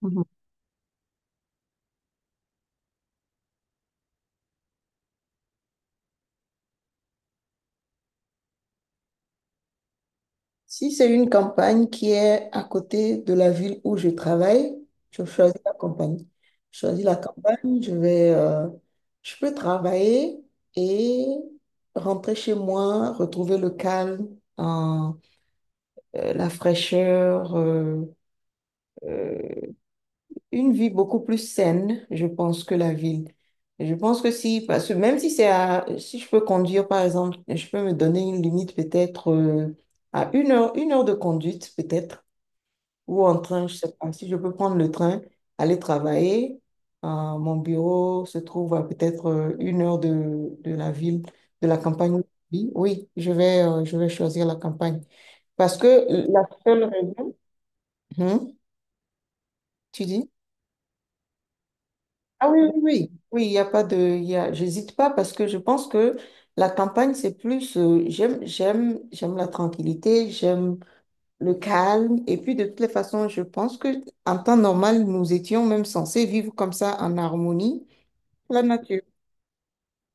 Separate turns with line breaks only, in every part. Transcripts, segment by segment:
Mhm. Si c'est une campagne qui est à côté de la ville où je travaille, je choisis la campagne. Je choisis la campagne, je vais, je peux travailler et rentrer chez moi, retrouver le calme, hein, la fraîcheur. Euh, une vie beaucoup plus saine, je pense, que la ville. Je pense que si, parce que même si c'est à, si je peux conduire, par exemple, je peux me donner une limite peut-être à une heure de conduite peut-être, ou en train, je sais pas, si je peux prendre le train, aller travailler, euh, mon bureau se trouve à peut-être une heure de la ville, de la campagne où je vis. Oui, je vais choisir la campagne. Parce que la seule raison, Hum, tu dis? Ah oui, oui, oui, oui, il y a pas de, il y a, j'hésite pas parce que je pense que la campagne, c'est plus, j'aime la tranquillité, j'aime le calme. Et puis, de toutes les façons, je pense que en temps normal, nous étions même censés vivre comme ça en harmonie, avec la nature.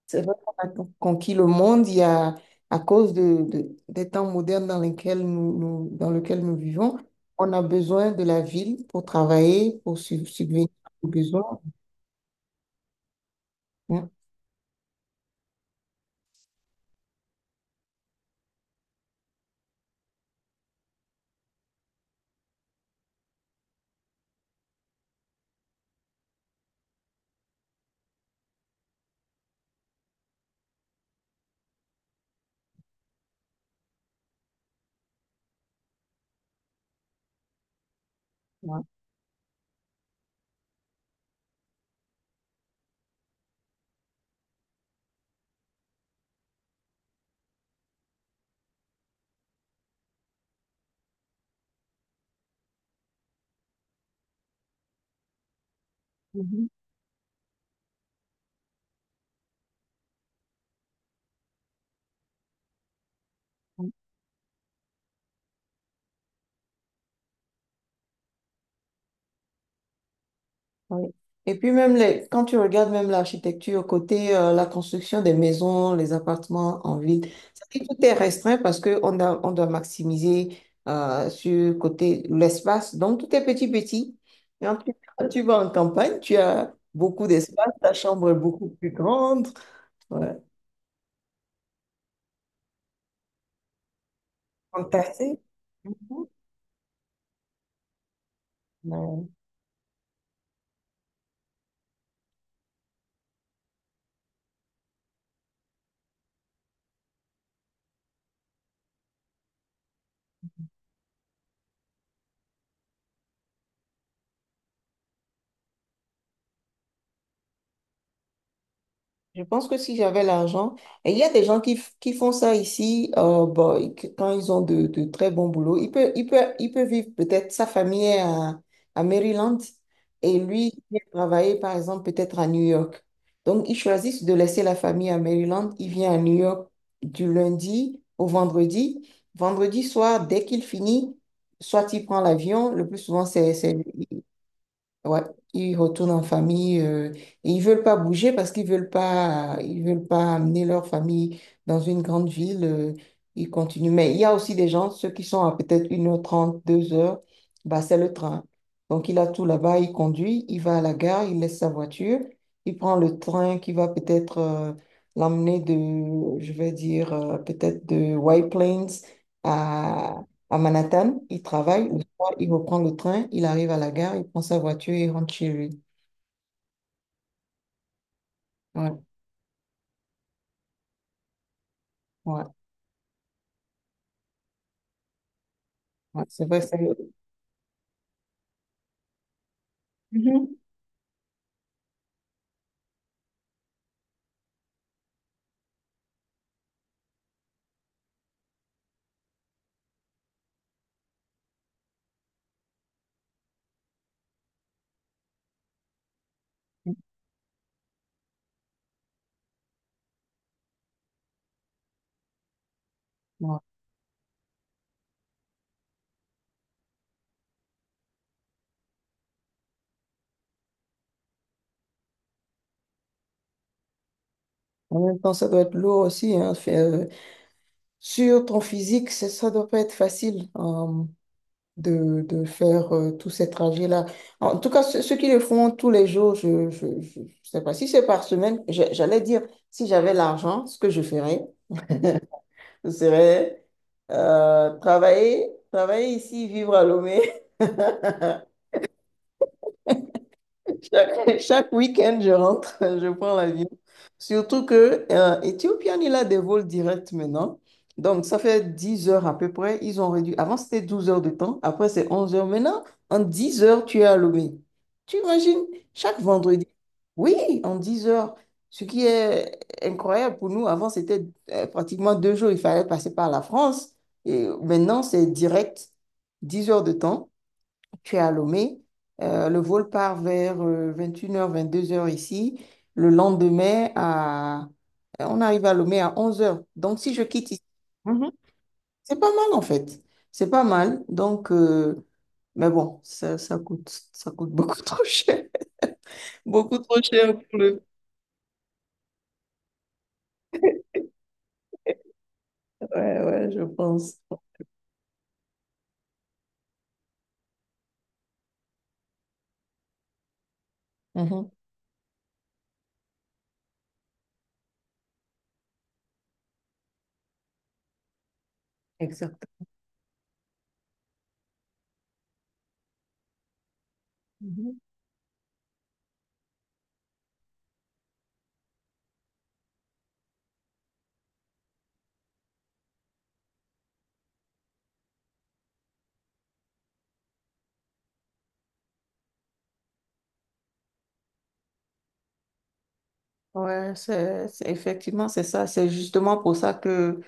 C'est vrai qu'on a conquis le monde, il y a, à cause des temps modernes dans lesquels dans lesquels nous vivons, on a besoin de la ville pour travailler, pour subvenir aux besoins. Mm. Ouais. Mhm. Oui. Et puis même les, quand tu regardes même l'architecture, côté la construction des maisons, les appartements en ville, c'est vrai tout est restreint parce que on a, on doit maximiser sur côté l'espace. Donc tout est petit petit. Et quand tu vas en campagne, tu as beaucoup d'espace, ta chambre est beaucoup plus grande. Ouais. Fantastique. Mhm. Ouais. Je pense que si j'avais l'argent, et il y a des gens qui, qui font ça ici, bon, quand ils ont de très bons boulots, il peut vivre peut-être sa famille est à Maryland et lui, il vient travailler par exemple peut-être à New York. Donc, ils choisissent de laisser la famille à Maryland, il vient à New York du lundi au vendredi. Vendredi soir, dès qu'il finit, soit il prend l'avion, le plus souvent ouais, ils retournent en famille et ils veulent pas bouger parce qu'ils veulent pas, ils veulent pas amener leur famille dans une grande ville. Ils continuent. Mais il y a aussi des gens, ceux qui sont à peut être une heure trente deux heures, bah, c'est le train. Donc il a tout là-bas, il conduit, il va à la gare, il laisse sa voiture, il prend le train qui va peut-être l'emmener de, je vais dire, peut-être de White Plains à, à Manhattan. Il travaille. Il reprend le train, il arrive à la gare, il prend sa voiture et il rentre chez lui. Ouais, ouais, ouais, c'est vrai, c'est... Mhm. Ouais. En même temps, ça doit être lourd aussi, hein, faire, sur ton physique, ça doit pas être facile de faire tous ces trajets-là. En tout cas, ceux qui le font tous les jours, je sais pas si c'est par semaine, j'allais dire, si j'avais l'argent, ce que je ferais, ce serait travailler ici, vivre à Lomé. Chaque week-end, je rentre, je prends l'avion. Surtout que Ethiopian, il a des vols directs maintenant. Donc, ça fait 10 heures à peu près. Ils ont réduit. Avant, c'était 12 heures de temps. Après, c'est 11 heures. Maintenant, en 10 heures, tu es à Lomé. Tu imagines, chaque vendredi. Oui, en 10 heures. Ce qui est incroyable pour nous. Avant, c'était pratiquement deux jours. Il fallait passer par la France. Et maintenant, c'est direct, 10 heures de temps, tu es à Lomé. Le vol part vers 21h, 22h ici. Le lendemain, à... on arrive à Lomé à 11h. Donc, si je quitte ici, Mhm. C'est pas mal en fait. C'est pas mal. Donc, mais bon, ça coûte beaucoup trop cher. Beaucoup trop cher pour le faire. Ouais, ouais, je pense. Mhm. Exact. Mhm. Ouais, effectivement, c'est ça. C'est justement pour ça que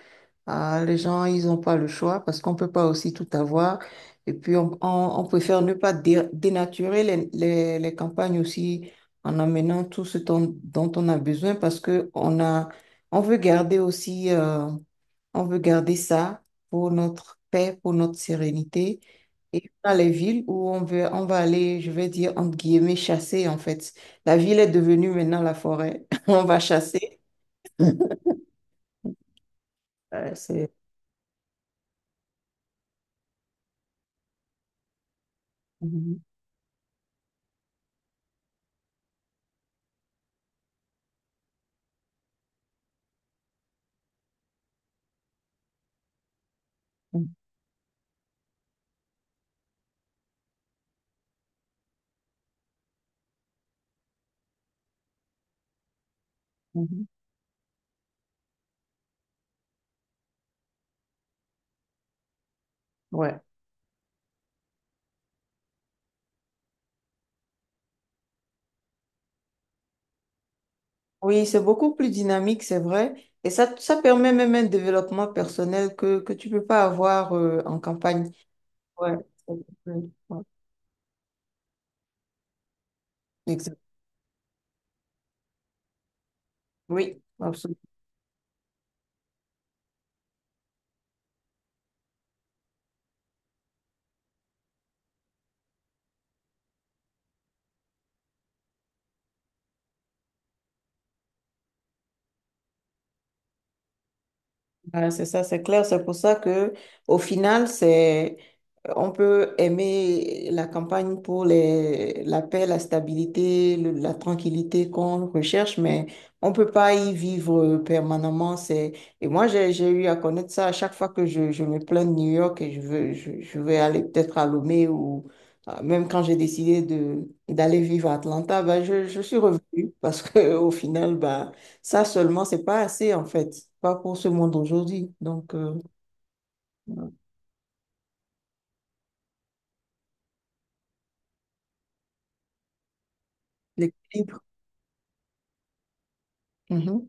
ah, les gens, ils n'ont pas le choix parce qu'on ne peut pas aussi tout avoir. Et puis, on préfère ne pas dénaturer les, les campagnes aussi en amenant tout ce dont on a besoin parce que on a, on veut garder aussi, on veut garder ça pour notre paix, pour notre sérénité. Et dans les villes où on veut, on va aller, je vais dire, entre guillemets, chasser en fait. La ville est devenue maintenant la forêt. On va chasser. C'est... Mhm, mhm, mhm. Ouais. Oui, c'est beaucoup plus dynamique, c'est vrai. Et ça permet même un développement personnel que tu peux pas avoir en campagne. Ouais. Mm. Ouais. Exact. Oui, absolument. Ouais, c'est ça, c'est clair. C'est pour ça que, au final, c'est, on peut aimer la campagne pour les, la paix, la stabilité, la tranquillité qu'on recherche, mais on peut pas y vivre permanemment. C'est, et moi, j'ai eu à connaître ça à chaque fois que je me plains de New York et je vais aller peut-être à Lomé ou même quand j'ai décidé d'aller vivre à Atlanta, bah, je suis revenue parce que, au final, bah, ça seulement, c'est pas assez en fait, pas pour ce monde aujourd'hui. Donc, l'équilibre. Mhm.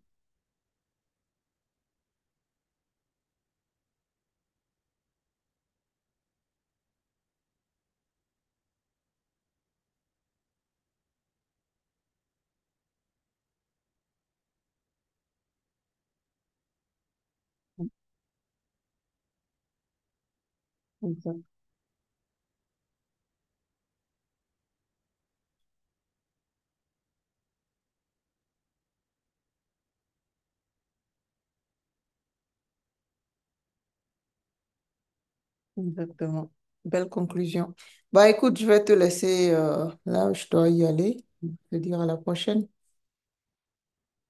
Exact- Exactement. Belle conclusion. Bah écoute, je vais te laisser, là, je dois y aller. Je te dire à la prochaine.